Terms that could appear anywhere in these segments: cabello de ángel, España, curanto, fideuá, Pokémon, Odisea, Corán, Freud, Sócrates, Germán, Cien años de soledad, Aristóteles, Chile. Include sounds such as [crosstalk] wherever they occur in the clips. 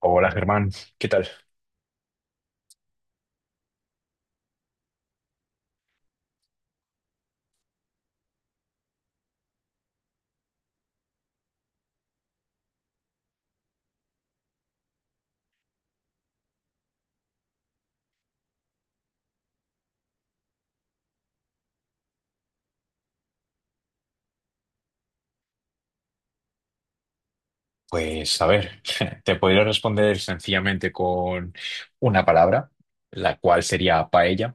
Hola Germán, ¿qué tal? Pues a ver, [laughs] te podría responder sencillamente con una palabra, la cual sería paella,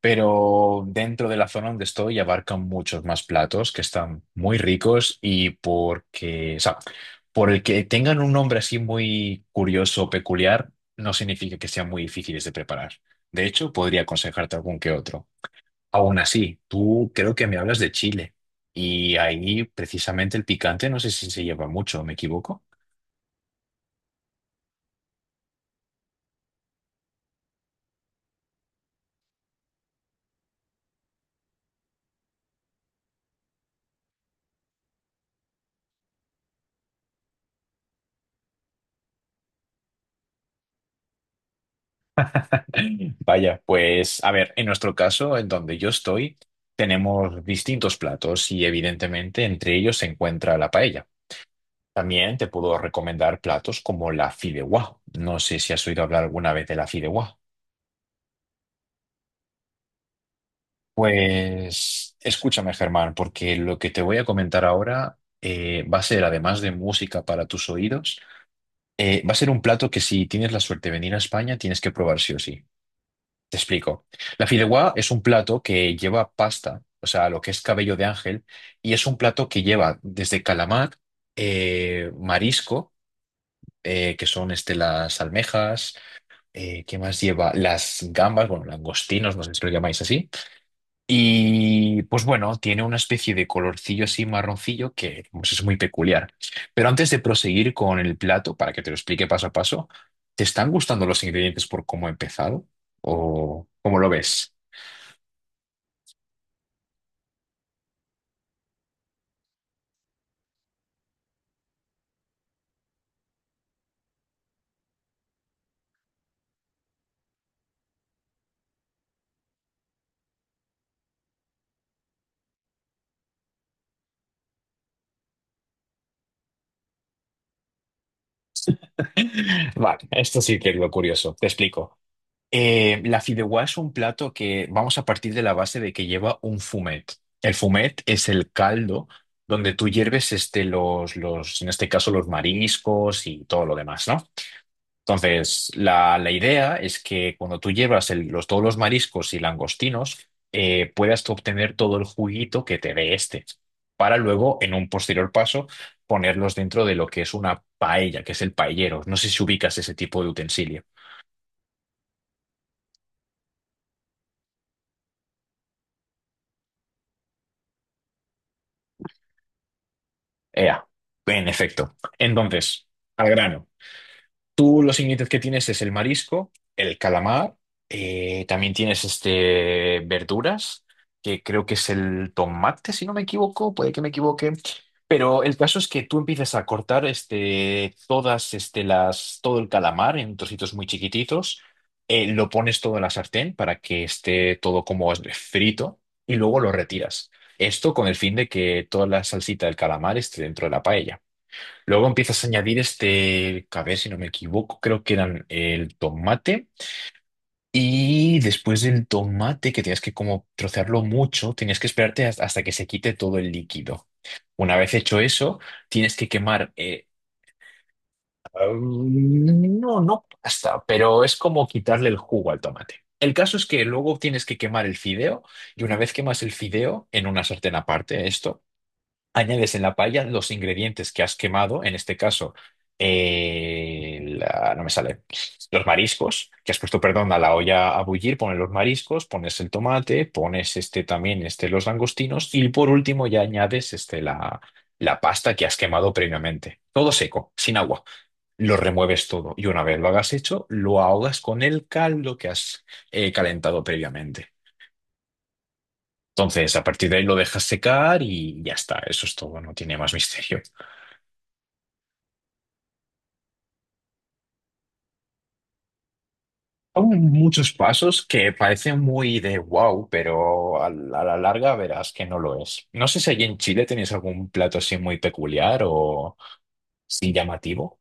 pero dentro de la zona donde estoy abarcan muchos más platos que están muy ricos y porque, o sea, por el que tengan un nombre así muy curioso peculiar, no significa que sean muy difíciles de preparar. De hecho, podría aconsejarte algún que otro. Aún así, tú creo que me hablas de Chile y ahí precisamente el picante no sé si se lleva mucho, ¿me equivoco? Vaya, pues a ver, en nuestro caso, en donde yo estoy, tenemos distintos platos y evidentemente entre ellos se encuentra la paella. También te puedo recomendar platos como la fideuá. No sé si has oído hablar alguna vez de la fideuá. Pues escúchame, Germán, porque lo que te voy a comentar ahora va a ser, además de música para tus oídos. Va a ser un plato que si tienes la suerte de venir a España, tienes que probar sí o sí. Te explico. La fideuá es un plato que lleva pasta, o sea, lo que es cabello de ángel, y es un plato que lleva desde calamar, marisco, que son este, las almejas, ¿qué más lleva? Las gambas, bueno, langostinos, no sé si lo llamáis así, y pues bueno, tiene una especie de colorcillo así marroncillo que pues, es muy peculiar. Pero antes de proseguir con el plato, para que te lo explique paso a paso, ¿te están gustando los ingredientes por cómo he empezado? ¿O cómo lo ves? [laughs] Vale, esto sí que es lo curioso. Te explico. La fideuá es un plato que vamos a partir de la base de que lleva un fumet. El fumet es el caldo donde tú hierves este, en este caso, los mariscos y todo lo demás, ¿no? Entonces, la idea es que cuando tú llevas el- los, todos los mariscos y langostinos, puedas tú obtener todo el juguito que te dé este, para luego, en un posterior paso, ponerlos dentro de lo que es una paella, que es el paellero. No sé si ubicas ese tipo de utensilio. Ea, en efecto. Entonces, al grano. Tú los ingredientes que tienes es el marisco, el calamar, también tienes este, verduras, que creo que es el tomate, si no me equivoco, puede que me equivoque. Pero el caso es que tú empiezas a cortar este, todas este, las, todo el calamar en trocitos muy chiquititos, lo pones todo en la sartén para que esté todo como frito y luego lo retiras. Esto con el fin de que toda la salsita del calamar esté dentro de la paella. Luego empiezas a añadir este, a ver si no me equivoco, creo que eran el tomate. Y después del tomate, que tenías que como trocearlo mucho, tenías que esperarte has- hasta que se quite todo el líquido. Una vez hecho eso, tienes que quemar, no, no pasta, pero es como quitarle el jugo al tomate. El caso es que luego tienes que quemar el fideo y una vez quemas el fideo en una sartén aparte, esto. Añades en la paella los ingredientes que has quemado, en este caso, la- no me sale, los mariscos, que has puesto, perdón, a la olla a bullir, pones los mariscos, pones el tomate, pones este también, este, los langostinos, y por último ya añades este, la pasta que has quemado previamente. Todo seco, sin agua. Lo remueves todo y una vez lo hagas hecho, lo ahogas con el caldo que has calentado previamente. Entonces, a partir de ahí lo dejas secar y ya está. Eso es todo, no tiene más misterio. Son muchos pasos que parecen muy de wow, pero a a la larga verás que no lo es. No sé si allí en Chile tenéis algún plato así muy peculiar o sin llamativo.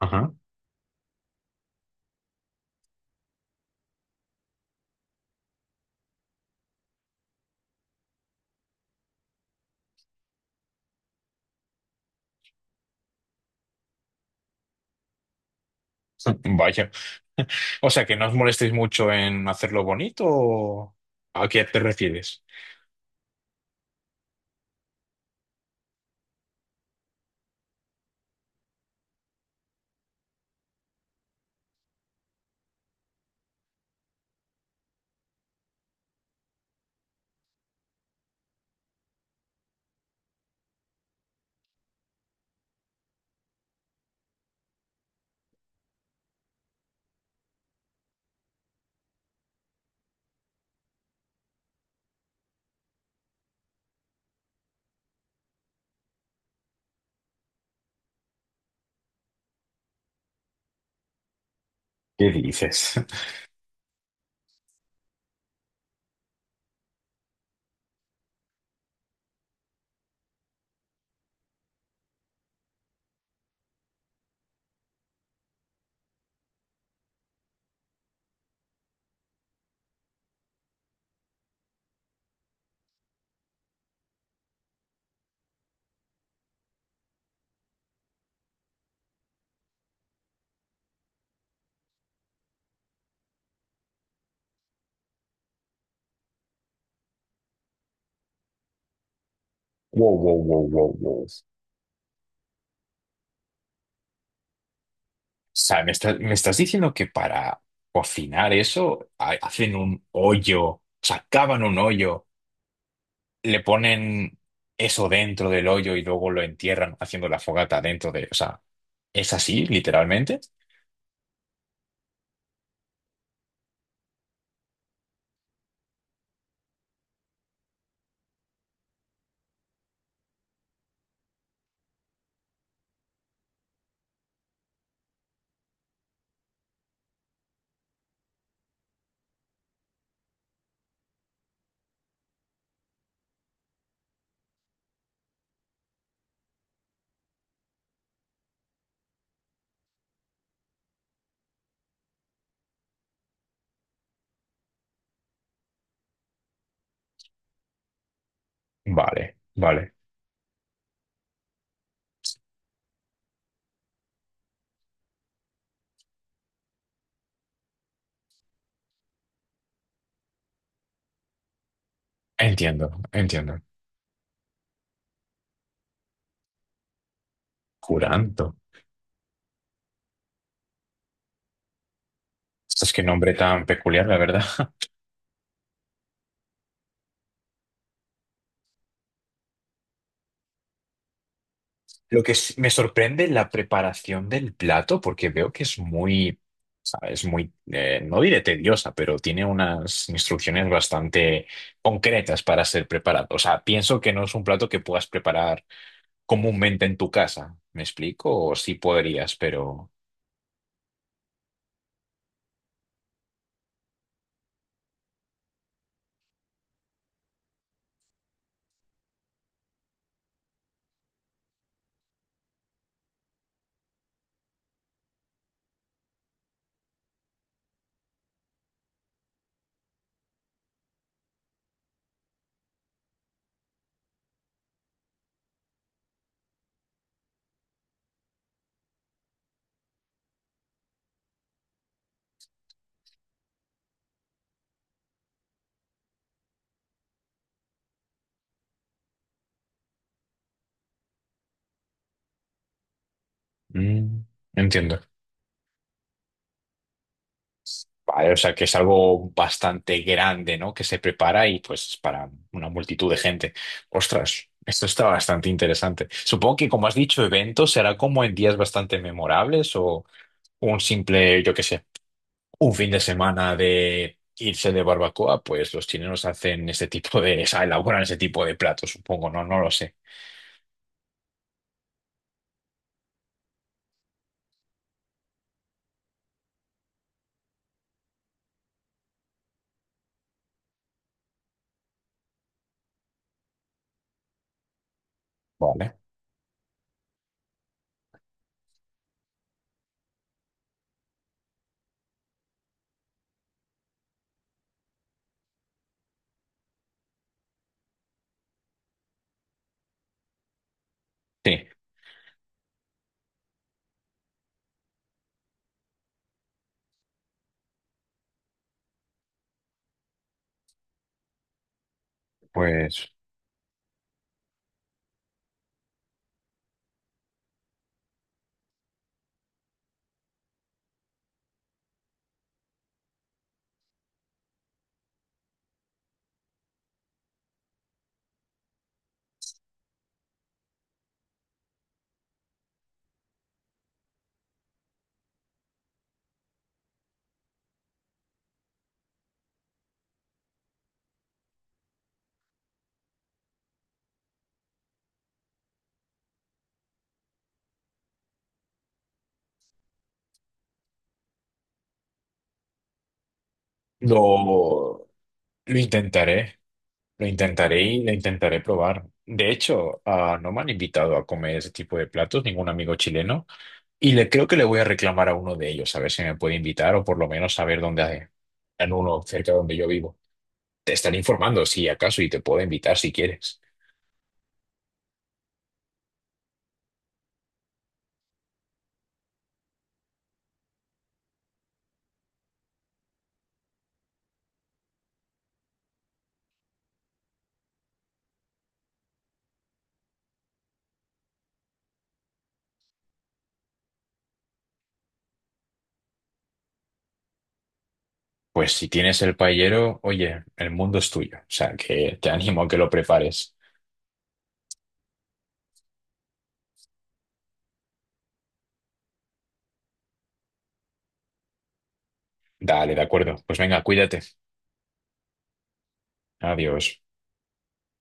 Ajá. [laughs] Vaya. O sea, que no os molestéis mucho en hacerlo bonito o... ¿A qué te refieres? ¿Qué dices? [laughs] Wow, wow, wow, wow, wow. O sea, me estás diciendo que para cocinar eso ha- hacen un hoyo, sacaban un hoyo, le ponen eso dentro del hoyo y luego lo entierran haciendo la fogata dentro de... O sea, ¿es así, literalmente? Vale, vale. Entiendo, entiendo. Curanto. Es que nombre tan peculiar, la verdad. [laughs] Lo que s- me sorprende es la preparación del plato, porque veo que es muy, ¿sabes? Muy, no diré tediosa, pero tiene unas instrucciones bastante concretas para ser preparado. O sea, pienso que no es un plato que puedas preparar comúnmente en tu casa. ¿Me explico? O sí podrías, pero... Mm, entiendo. Vale, o sea que es algo bastante grande, ¿no? Que se prepara y pues es para una multitud de gente. Ostras, esto está bastante interesante. Supongo que como has dicho, evento será como en días bastante memorables o un simple, yo qué sé, un fin de semana de irse de barbacoa, pues los chilenos hacen este tipo de, [laughs] o sea, elaboran ese tipo de platos, supongo, ¿no? No lo sé. Vale. Sí, pues lo... Lo intentaré, lo intentaré, y lo intentaré probar. De hecho, ah, no me han invitado a comer ese tipo de platos, ningún amigo chileno, y le creo que le voy a reclamar a uno de ellos, a ver si me puede invitar o por lo menos saber dónde hay en uno cerca de donde yo vivo. Te estaré informando si acaso y te puedo invitar si quieres. Pues si tienes el paellero, oye, el mundo es tuyo, o sea que te animo a que lo prepares. Dale, de acuerdo. Pues venga, cuídate. Adiós.